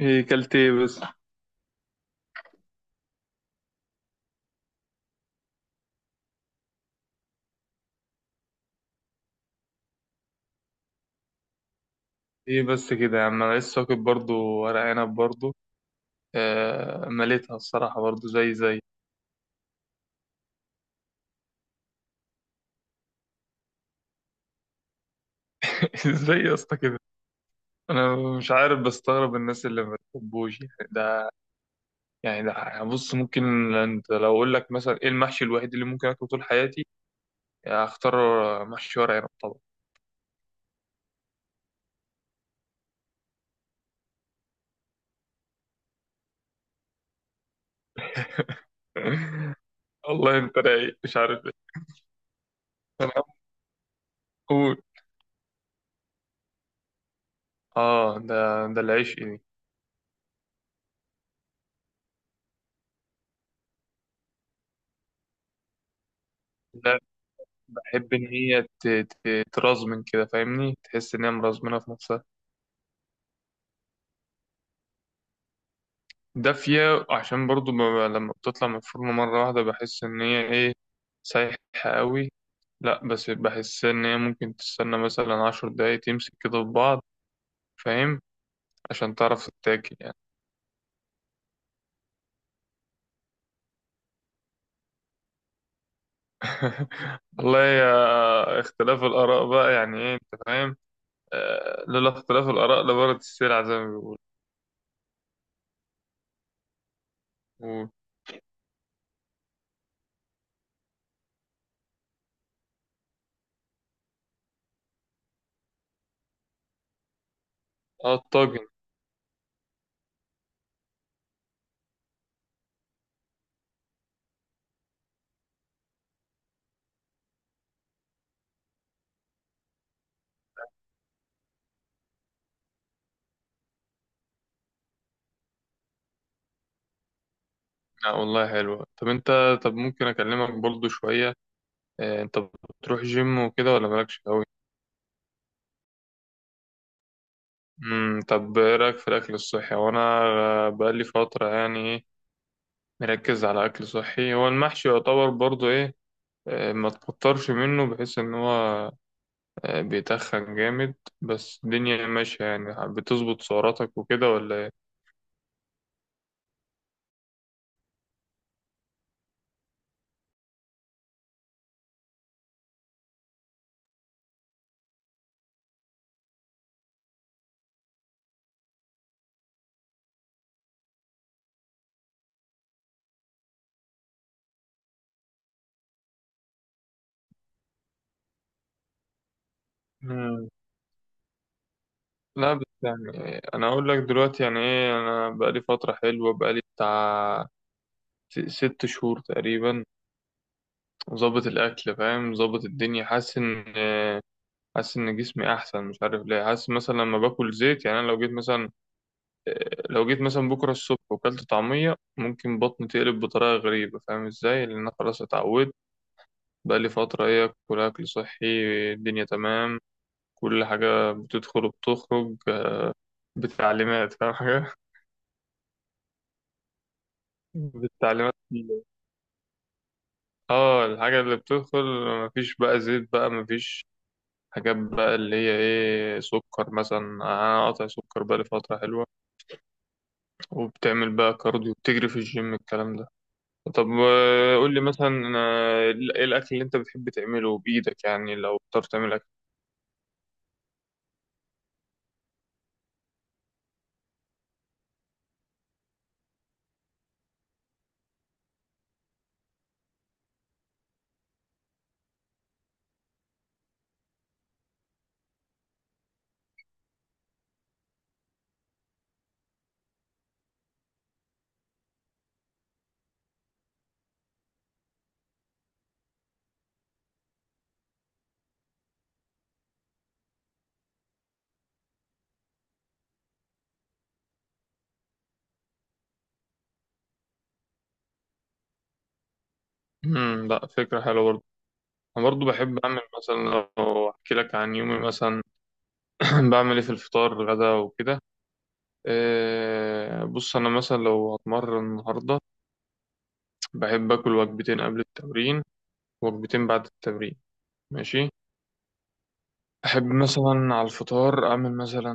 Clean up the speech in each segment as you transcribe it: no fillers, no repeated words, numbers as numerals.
ايه كلت، ايه بس؟ ايه بس كده يا عم، انا لسه واكل برضه ورق عنب برضه. آه، مليتها الصراحة برضه زي. ازاي يا اسطى كده؟ انا مش عارف، بستغرب الناس اللي ما بتحبوش يعني ده يعني بص، ممكن انت لو اقول لك مثلا ايه المحشي الوحيد اللي ممكن اكله طول حياتي، اختار محشي ورق عنب طبعا. والله انت رايق مش عارف ايه. انا. قول. اه، ده العيش ايه. لا، بحب ان هي ترزمن كده فاهمني، تحس ان هي مرزمنه في نفسها. دافية عشان برضو لما بتطلع من الفرن مرة واحدة بحس إن هي إيه، سايحة قوي. لأ، بس بحس إن هي ممكن تستنى مثلا 10 دقايق تمسك كده في بعض، فاهم؟ عشان تعرف تتاكل يعني. والله يا اختلاف الآراء بقى، يعني إيه أنت فاهم. لولا اختلاف الآراء لبارت السلع زي ما بيقولوا. و- اه، الطاجن. لا والله حلوة. طب أنت، طب ممكن أكلمك برضو شوية؟ أنت بتروح جيم وكده ولا مالكش أوي؟ طب ايه رايك في الاكل الصحي؟ وانا بقالي فتره يعني ايه، مركز على اكل صحي. هو المحشي يعتبر برضو ايه، ما تكترش منه بحيث ان هو بيتخن جامد. بس الدنيا ماشيه، يعني بتظبط سعراتك وكده ولا ايه؟ مم. لا، بس يعني انا اقول لك دلوقتي يعني ايه، انا بقالي فتره حلوه، بقالي بتاع 6 شهور تقريبا، ظابط الاكل فاهم، ظابط الدنيا، حاسس ان جسمي احسن. مش عارف ليه، حاسس مثلا لما باكل زيت يعني، انا لو جيت مثلا بكره الصبح وكلت طعميه ممكن بطني تقلب بطريقه غريبه، فاهم ازاي؟ لان انا خلاص اتعودت. بقالي فتره ايه، اكل صحي. الدنيا تمام، كل حاجه بتدخل وبتخرج بالتعليمات، فاهم حاجه؟ بالتعليمات. اه، الحاجه اللي بتدخل، مفيش بقى زيت، بقى مفيش حاجات بقى اللي هي ايه، سكر مثلا. انا قاطع سكر بقالي فتره حلوه. وبتعمل بقى كارديو، بتجري في الجيم الكلام ده؟ طب قول لي مثلا، آه، ايه الاكل اللي انت بتحب تعمله بايدك يعني، لو بتعرف تعمل اكل. لا، فكره حلوه برضه. انا برضه بحب اعمل مثلا، لو احكي لك عن يومي مثلا، بعمل ايه في الفطار غدا وكده. بص انا مثلا لو هتمرن النهارده، بحب اكل وجبتين قبل التمرين، وجبتين بعد التمرين، ماشي. أحب مثلا على الفطار أعمل مثلا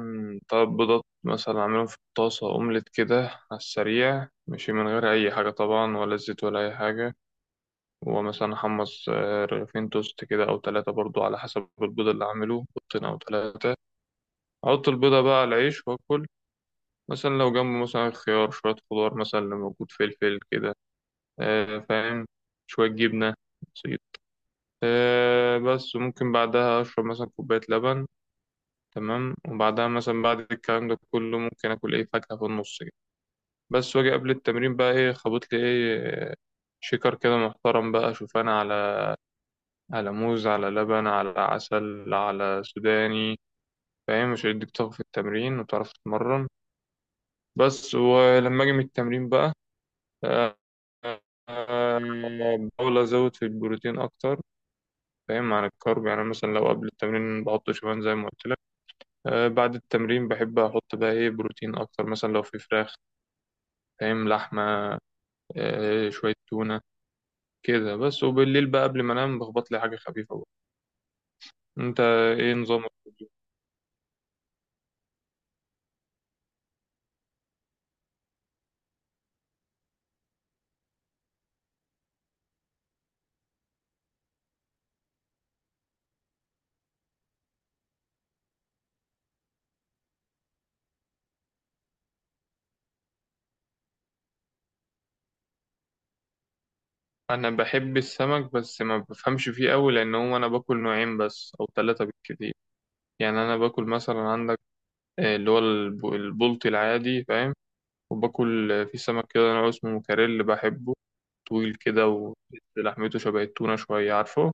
تلات بيضات مثلا، أعملهم في الطاسة أومليت كده على السريع، ماشي، من غير أي حاجة طبعا، ولا زيت ولا أي حاجة. ومثلا أحمص رغيفين توست كده أو تلاتة، برضو على حسب البيض اللي أعمله، بيضتين أو تلاتة. أحط البيضة بقى على العيش وأكل، مثلا لو جنبه مثلا خيار، شوية خضار مثلا اللي موجود، فلفل كده، فاهم، شوية جبنة، بسيط. بس ممكن بعدها أشرب مثلا كوباية لبن. تمام. وبعدها مثلا بعد الكلام ده كله ممكن اكل ايه، فاكهة في النص كده. بس واجي قبل التمرين بقى ايه، خبط لي ايه، شيكر كده محترم بقى، شوفان على موز، على لبن، على عسل، على سوداني. فاهم؟ مش هيديك طاقة في التمرين وتعرف تتمرن. بس ولما اجي من التمرين بقى، آه، آه، بحاول ازود في البروتين اكتر، فاهم؟ عن الكارب يعني، مثلا لو قبل التمرين بحط شوفان زي ما قلت لك، بعد التمرين بحب احط بقى ايه، بروتين اكتر، مثلا لو في فراخ، فاهم، لحمة، شوية تونة كده بس. وبالليل بقى قبل ما انام بخبط لي حاجة خفيفة بقى. انت ايه نظامك؟ انا بحب السمك بس ما بفهمش فيه قوي، لان هو انا باكل نوعين بس او ثلاثة بالكتير يعني. انا باكل مثلا عندك اللي هو البلطي العادي، فاهم. وباكل في سمك كده نوع اسمه موكاريل، بحبه. طويل كده، ولحمته شبه التونة شوية، عارفه؟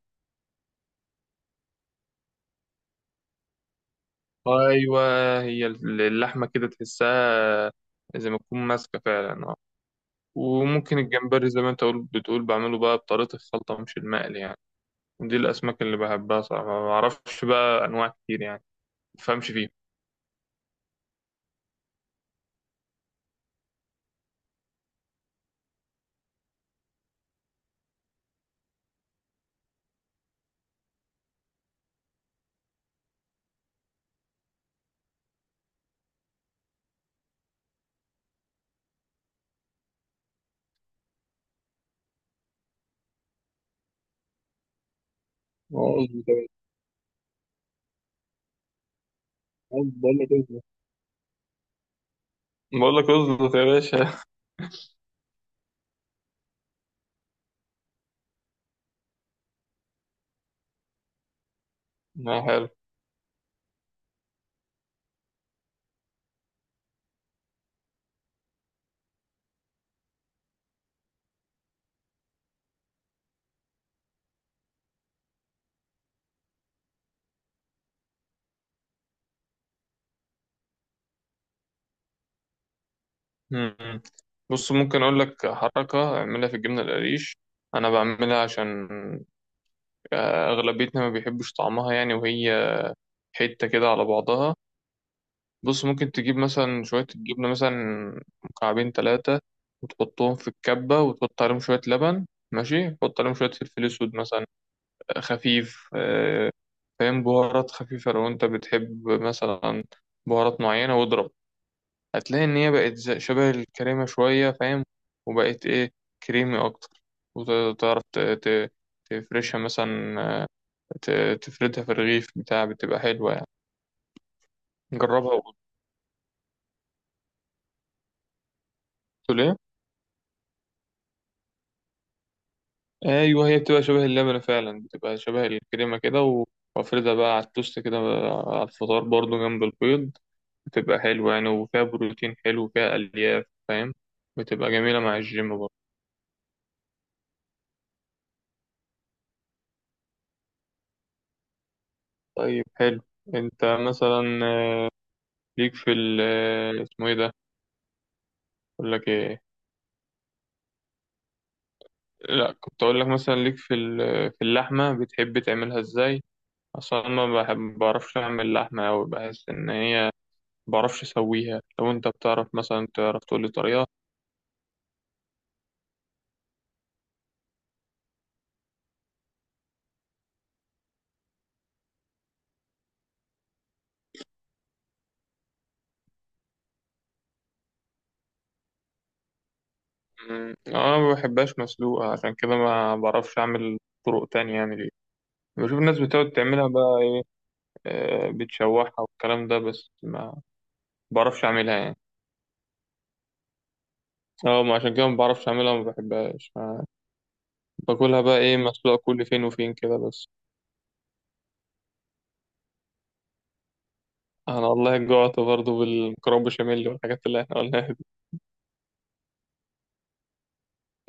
ايوه، هي اللحمة كده تحسها زي ما تكون ماسكة فعلا. وممكن الجمبري زي ما انت بتقول، بعمله بقى بطريقة الخلطة مش المقلي يعني. دي الأسماك اللي بحبها صراحة، ما بعرفش بقى أنواع كتير يعني، ما بفهمش فيها. عاوز بتاع- عاوز بقول لك إيه؟ بقول لك اظبط يا باشا. ما حلو. مم. بص، ممكن أقول لك حركة أعملها في الجبنة القريش. أنا بعملها عشان أغلبيتنا ما بيحبوش طعمها يعني، وهي حتة كده على بعضها. بص ممكن تجيب مثلا شوية الجبنة، مثلا مكعبين تلاتة، وتحطهم في الكبة وتحط عليهم شوية لبن، ماشي، تحط عليهم شوية فلفل أسود مثلا خفيف، فاهم، بهارات خفيفة لو أنت بتحب مثلا بهارات معينة، واضرب. هتلاقي إن هي بقت شبه الكريمة شوية، فاهم؟ وبقت إيه، كريمي أكتر. وتعرف تفرشها مثلا، تفردها في الرغيف بتاع، بتبقى حلوة يعني. جربها وقول. ايوه، هي بتبقى شبه اللبنة فعلا، بتبقى شبه الكريمة كده وافردها بقى على التوست كده على الفطار برضو جنب البيض، بتبقى حلوة يعني، وفيها بروتين حلو، وفيها ألياف، فاهم، بتبقى جميلة مع الجيم برضو. طيب حلو. انت مثلا ليك في ال اسمه ايه ده، اقول لك ايه. لا، كنت اقول لك مثلا ليك في في اللحمة، بتحب تعملها ازاي؟ اصلا أنا ما بحب، بعرفش اعمل لحمة اوي، بحس ان هي، بعرفش اسويها. لو انت بتعرف مثلا، تعرف تقول لي طريقة؟ مم. انا ما بحبهاش مسلوقة، عشان كده ما بعرفش اعمل طرق تانية يعني ليه. بشوف الناس بتقعد تعملها بقى ايه، بتشوحها والكلام ده، بس ما بعرفش اعملها يعني. اه، ما عشان كده ما بعرفش اعملها، ما بحبهاش، باكلها بقى ايه، مسلوقة كل فين وفين كده بس. انا والله جوعت برضو، بالمكرونة بشاميل والحاجات اللي احنا قلناها دي.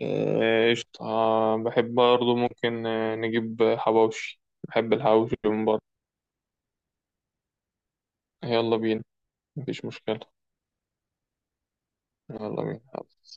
قشطة. بحب برضو، ممكن نجيب حواوشي، بحب الحواوشي من بره. يلا بينا. مفيش مشكلة. يلا بينا.